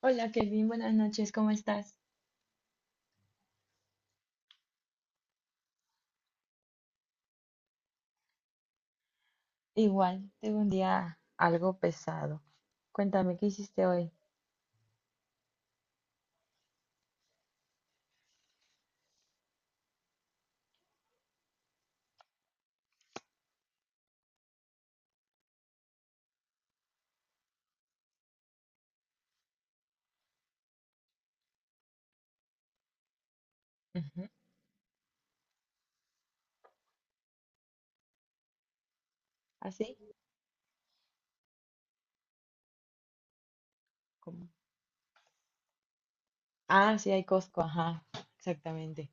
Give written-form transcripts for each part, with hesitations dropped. Hola Kevin, buenas noches, ¿cómo estás? Igual, tengo un día algo pesado. Cuéntame, ¿qué hiciste hoy? Ujú. ¿Así? ¿Cómo? Ah, sí, hay Costco, ajá, exactamente.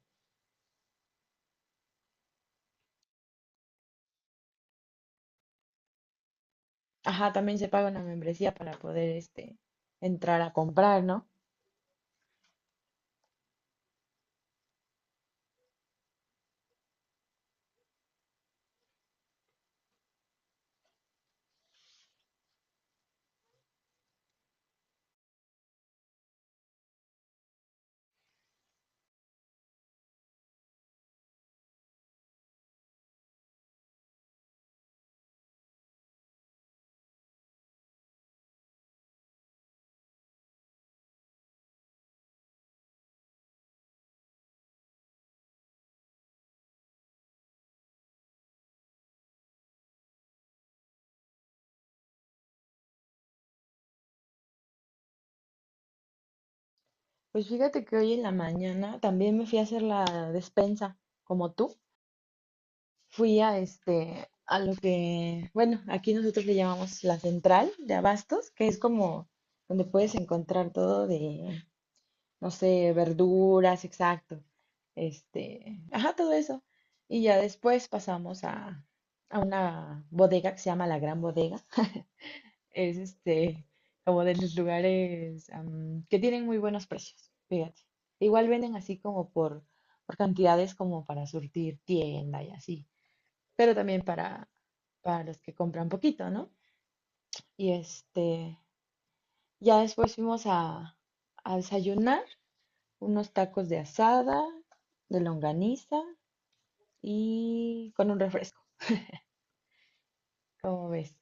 Ajá, también se paga una membresía para poder, entrar a comprar, ¿no? Pues fíjate que hoy en la mañana también me fui a hacer la despensa, como tú. Fui a, a lo que, bueno, aquí nosotros le llamamos la central de abastos, que es como donde puedes encontrar todo de no sé, verduras, exacto. Ajá, todo eso. Y ya después pasamos a una bodega que se llama La Gran Bodega. Es como de los lugares que tienen muy buenos precios, fíjate. Igual venden así como por cantidades como para surtir tienda y así, pero también para los que compran poquito, ¿no? Y ya después fuimos a desayunar unos tacos de asada, de longaniza y con un refresco, como ves.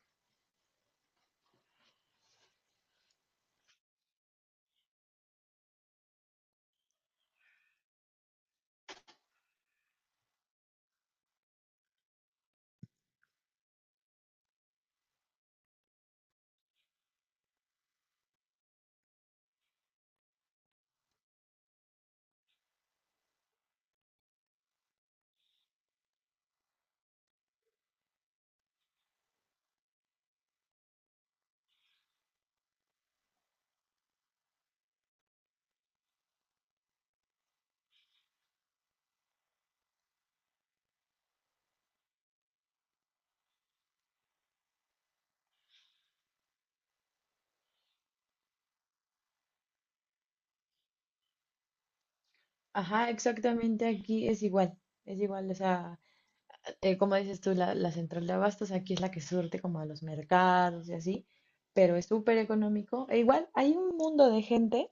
Ajá, exactamente aquí es igual, o sea, como dices tú, la central de abastos aquí es la que surte como a los mercados y así, pero es súper económico. E igual hay un mundo de gente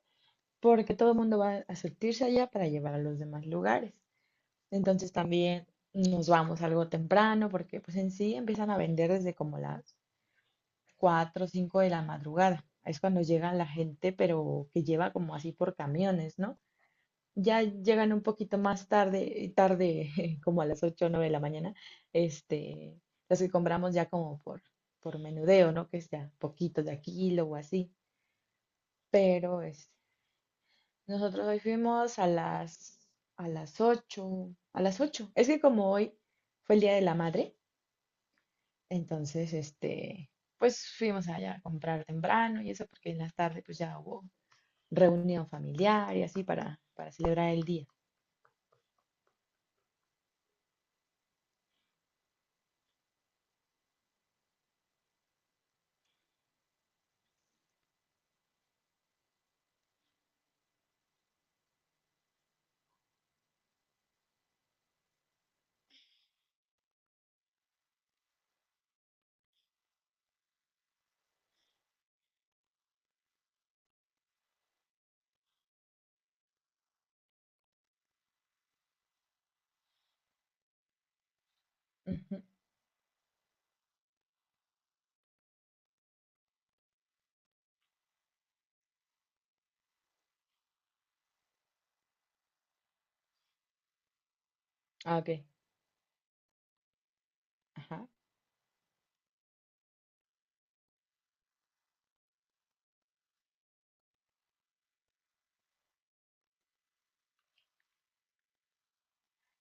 porque todo el mundo va a surtirse allá para llevar a los demás lugares. Entonces también nos vamos algo temprano porque pues en sí empiezan a vender desde como las 4 o 5 de la madrugada. Es cuando llega la gente, pero que lleva como así por camiones, ¿no? Ya llegan un poquito más tarde, tarde, como a las 8 o 9 de la mañana, este, los que compramos ya como por menudeo, ¿no? Que es ya poquito de a kilo o así. Pero es, nosotros hoy fuimos a las, a las 8. Es que como hoy fue el Día de la Madre. Entonces, pues fuimos allá a comprar temprano y eso, porque en la tarde pues ya hubo reunión familiar y así para celebrar el día. Ujú. Ah, ok. Ajá.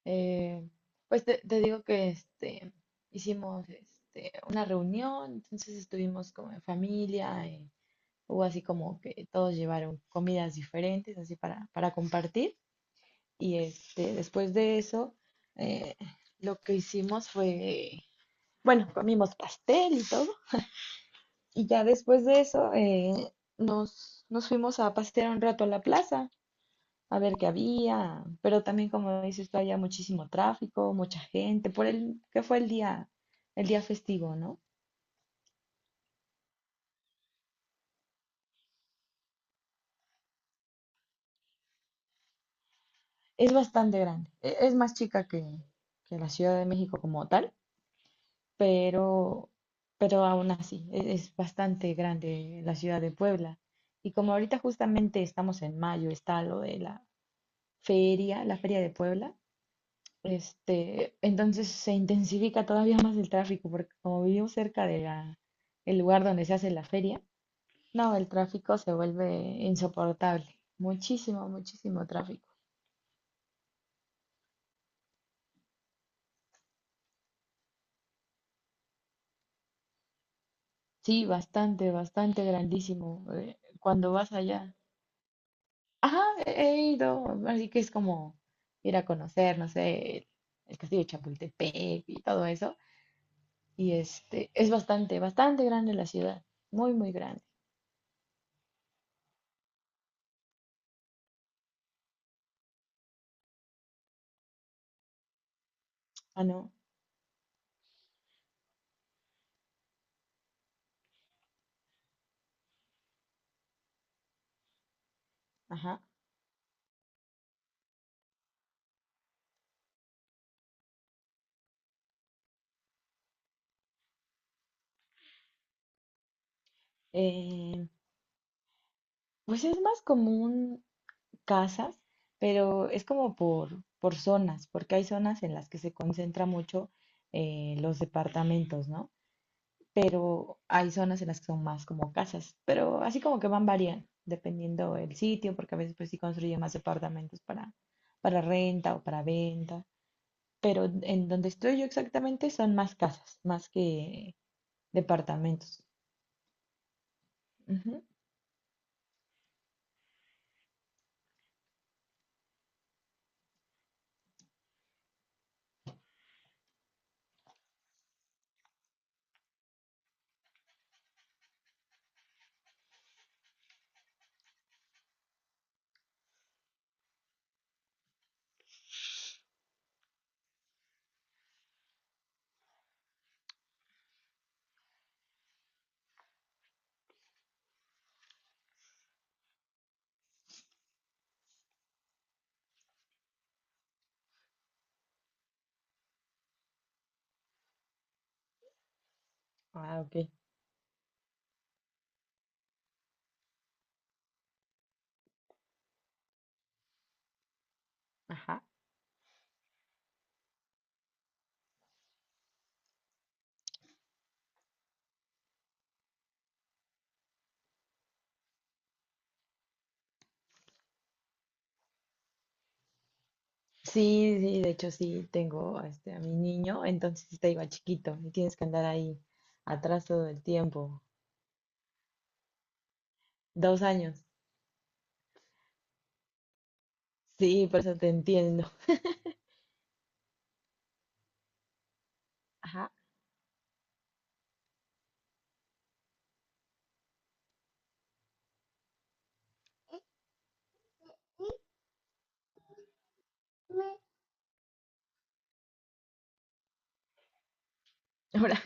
Eh, pues te, te digo que hicimos una reunión, entonces estuvimos como en familia, hubo así como que todos llevaron comidas diferentes, así para compartir. Y después de eso, eh, lo que hicimos fue, bueno, comimos pastel y todo. Y ya después de eso nos, nos fuimos a pasear un rato a la plaza, a ver qué había, pero también como dices tú, había muchísimo tráfico, mucha gente, por el que fue el día festivo, ¿no? Es bastante grande, e- es más chica que la Ciudad de México como tal, pero, pero aún así, e- es bastante grande la ciudad de Puebla. Y como ahorita justamente estamos en mayo, está lo de la feria de Puebla. Entonces se intensifica todavía más el tráfico, porque como vivimos cerca de la, el lugar donde se hace la feria, no, el tráfico se vuelve insoportable. Muchísimo, muchísimo tráfico. Sí, bastante, bastante grandísimo. Cuando vas allá. Ajá, he ido. Así que es como ir a conocer, no sé, el castillo de Chapultepec y todo eso. Y es bastante, bastante grande la ciudad. Muy, muy grande. Ah, no. Ajá. Eh, pues es más común casas, pero es como por zonas, porque hay zonas en las que se concentra mucho los departamentos, ¿no? Pero hay zonas en las que son más como casas, pero así como que van variando, dependiendo el sitio, porque a veces pues sí construyen más departamentos para renta o para venta, pero en donde estoy yo exactamente son más casas, más que departamentos. Ujú. Ah, ok. Ajá. Sí, sí, de hecho sí, tengo a mi niño, entonces está igual chiquito y tienes que andar ahí atrás todo el tiempo. 2 años. Sí, por eso te entiendo. Ajá. Ahora,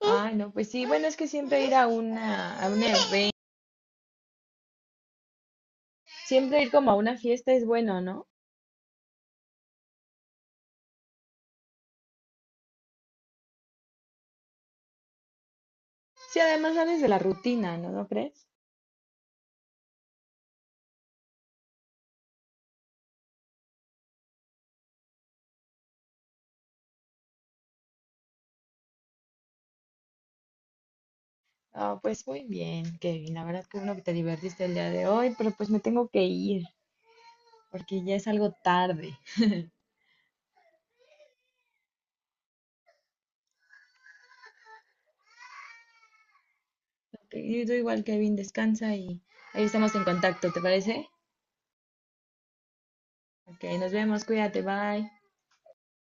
ay, no, pues sí, bueno, es que siempre ir a una, a un evento, siempre ir como a una fiesta es bueno, ¿no? Sí, además sales de la rutina, ¿no? ¿No crees? Ah, pues muy bien, Kevin, la verdad que bueno que te divertiste el día de hoy, pero pues me tengo que ir, porque ya es algo tarde. Yo yo igual, Kevin, descansa y ahí estamos en contacto, ¿te parece? Ok, nos vemos, cuídate, bye.